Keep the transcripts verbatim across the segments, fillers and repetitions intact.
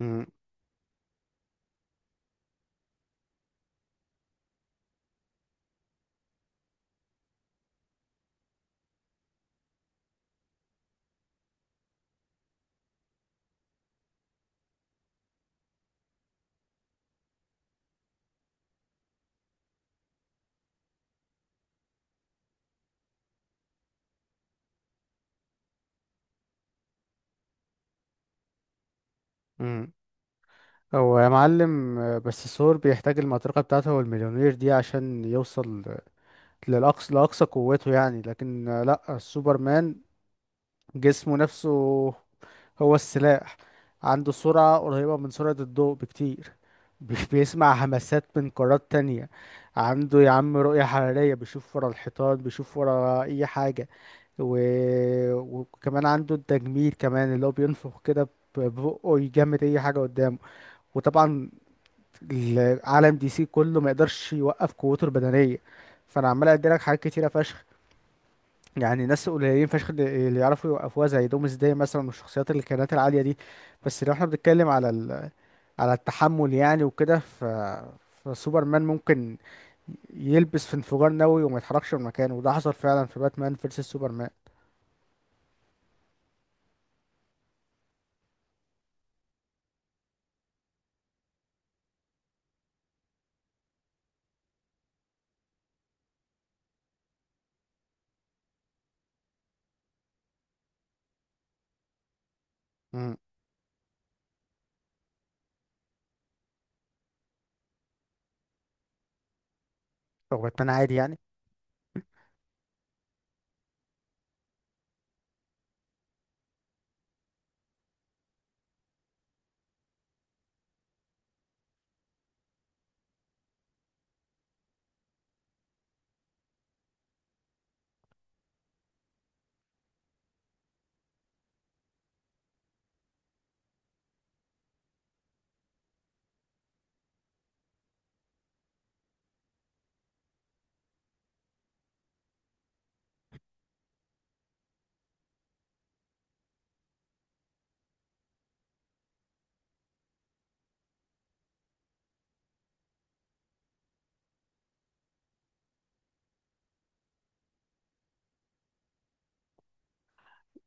مم. مم. هو يا معلم آه، بس الثور بيحتاج المطرقة بتاعته والمليونير دي عشان يوصل للأقصى لأقصى قوته. يعني لكن آه، لأ، السوبرمان جسمه نفسه هو السلاح. عنده سرعة قريبة من سرعة الضوء بكتير، بي- بيسمع همسات من قارات تانية. عنده يا عم رؤية حرارية، بيشوف ورا الحيطان، بيشوف ورا أي حاجة. و... وكمان عنده التجميد كمان، اللي هو بينفخ كده ب- ببقه يجمد أي حاجة قدامه. وطبعا العالم دي سي كله ما يقدرش يوقف قوته البدنيه. فانا عمال ادي لك حاجات كتيره فشخ. يعني ناس قليلين فشخ اللي اللي يعرفوا يوقفوها، زي دومز داي مثلا، والشخصيات اللي كانت العاليه دي. بس لو احنا بنتكلم على ال... على التحمل يعني وكده، ف فسوبرمان ممكن يلبس في انفجار نووي وما يتحركش من مكانه، وده حصل فعلا في باتمان فيرسس سوبرمان. امم هو باتمان عادي يعني؟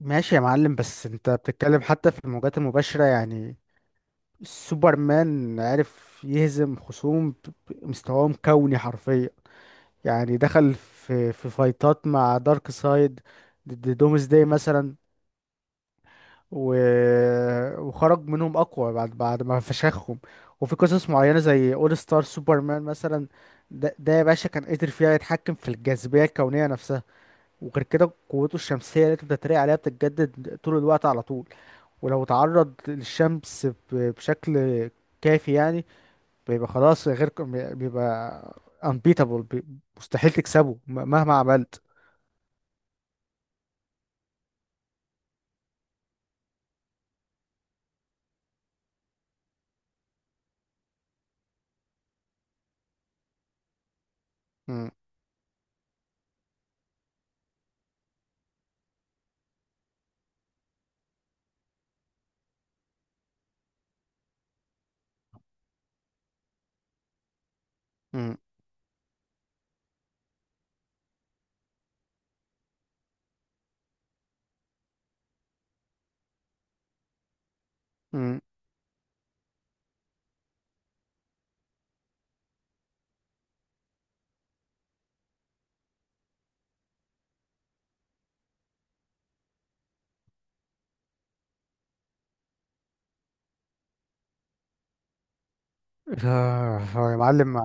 ماشي يا معلم، بس انت بتتكلم حتى في الموجات المباشرة يعني. سوبرمان عرف يهزم خصوم ب- ب- مستواهم كوني حرفيا. يعني دخل في في فايتات مع دارك سايد، ضد دومز داي مثلا، و... وخرج منهم اقوى بعد بعد ما فشخهم. وفي قصص معينه زي اول ستار سوبرمان مثلا، ده, ده يا باشا كان قدر فيها يتحكم في الجاذبيه الكونيه نفسها. وغير كده قوته الشمسيه اللي انت بتتريق عليها بتتجدد طول الوقت على طول. ولو تعرض للشمس ب- بشكل كافي يعني، بيبقى خلاص غير ك- بيبقى unbeatable، بي- مستحيل تكسبه، م- مهما عملت. مم. مم. مم. آه، هو يا معلم،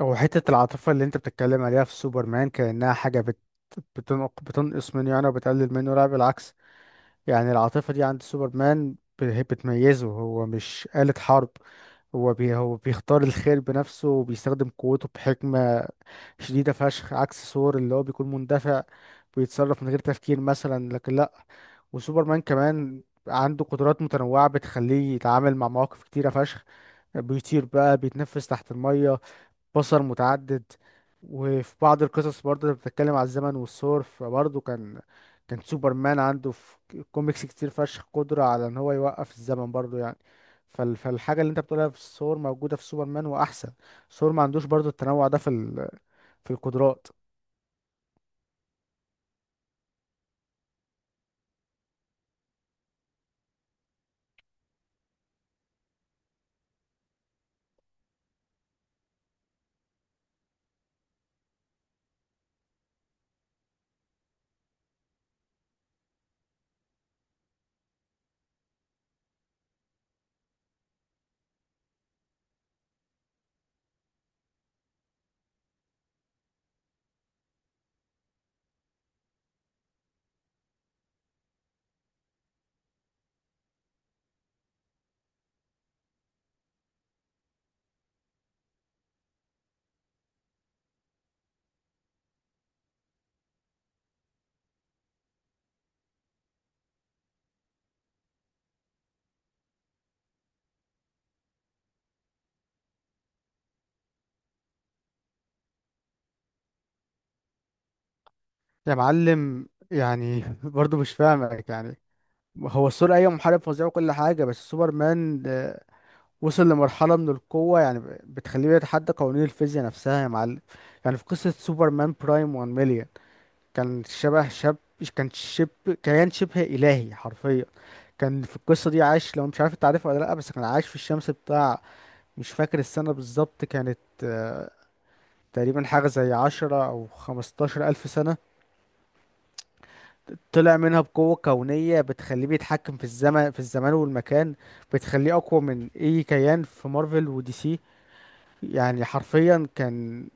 هو حتة العاطفة اللي انت بتتكلم عليها في سوبرمان كأنها حاجة بت... بتنق... بتنقص منه يعني وبتقلل منه، لا بالعكس. يعني العاطفة دي عند سوبرمان ب- هي بتميزه، هو مش آلة حرب. هو بي... هو بيختار الخير بنفسه وبيستخدم قوته بحكمة شديدة فشخ، عكس ثور اللي هو بيكون مندفع، بيتصرف من غير تفكير مثلا. لكن لأ، وسوبرمان كمان عنده قدرات متنوعة بتخليه يتعامل مع مواقف كتيرة فشخ، بيطير بقى، بيتنفس تحت المية، بصر متعدد. وفي بعض القصص برضه بتتكلم على الزمن والثور، فبرضه كان كان سوبرمان عنده في كوميكس كتير فشخ قدرة على ان هو يوقف الزمن برضه يعني. فال... فالحاجة اللي انت بتقولها في الثور موجودة في سوبرمان وأحسن. ثور ما عندوش برضه التنوع ده في في القدرات. يا معلم يعني برضو مش فاهمك يعني. هو السور ايوه محارب فظيع وكل حاجه، بس سوبرمان آه، وصل لمرحله من القوه يعني بتخليه يتحدى قوانين الفيزياء نفسها يا معلم. يعني في قصه سوبرمان برايم 1 مليون، كان شبه شاب كان شب كيان شبه الهي حرفيا. كان في القصه دي عايش، لو مش عارف انت عارفها ولا لا، بس كان عايش في الشمس بتاع، مش فاكر السنه بالظبط كانت، آه، تقريبا حاجه زي عشرة او خمستاشر الف سنه. طلع منها بقوة كونية بتخليه بيتحكم في الزمن في الزمان والمكان، بتخليه أقوى من أي كيان في مارفل ودي سي. يعني حرفيا كان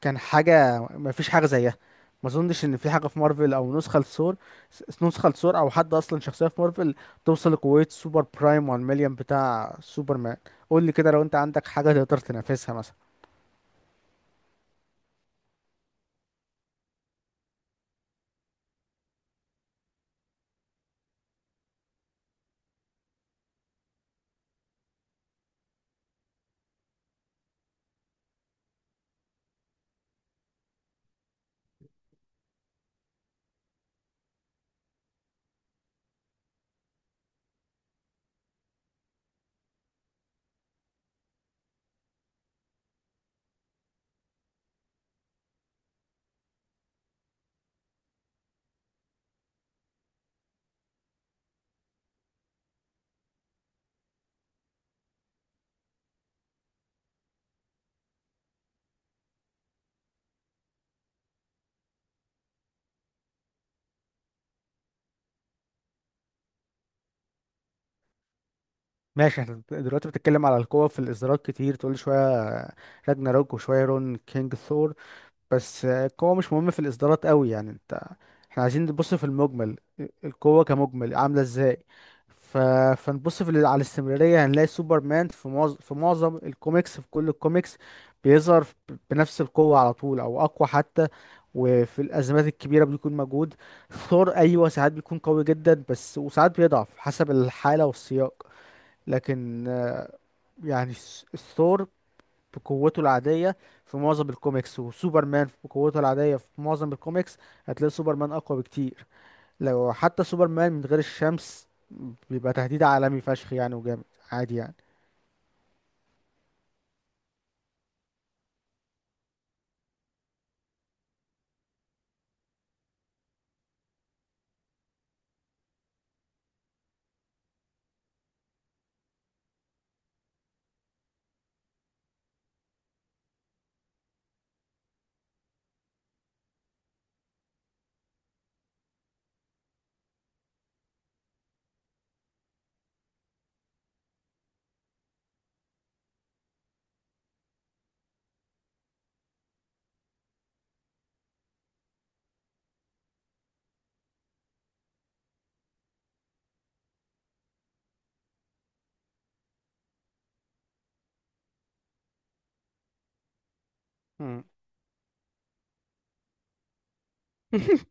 كان حاجة ما فيش حاجة زيها. ما اظنش ان في حاجة في مارفل او نسخة لثور، س- نسخة لثور او حد اصلا شخصية في مارفل توصل لقوة سوبر برايم 1 مليون بتاع سوبرمان. قول لي كده لو انت عندك حاجة تقدر تنافسها مثلا. ماشي، احنا دلوقتي بتتكلم على القوة في الإصدارات، كتير تقول لي شوية راجناروك وشوية رون كينج ثور. بس القوة مش مهمة في الإصدارات قوي يعني انت، احنا عايزين نبص في المجمل، القوة كمجمل عاملة ازاي. ف... فنبص في ال- على الاستمرارية. هنلاقي سوبرمان في معظم في معظم الكوميكس، في كل الكوميكس بيظهر ب- بنفس القوة على طول، أو أقوى حتى. وفي الأزمات الكبيرة بيكون موجود. ثور أيوة ساعات بيكون قوي جدا بس، وساعات بيضعف حسب الحالة والسياق. لكن آه، يعني الثور بقوته العادية في معظم الكوميكس، وسوبرمان بقوته العادية في معظم الكوميكس، هتلاقي سوبرمان أقوى بكتير. لو حتى سوبرمان من غير الشمس بيبقى تهديد عالمي فشخ يعني، وجامد عادي يعني. مم.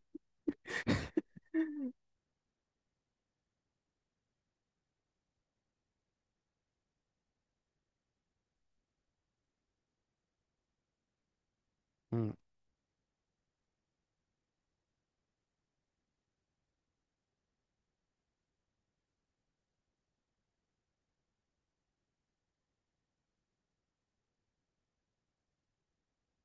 مم.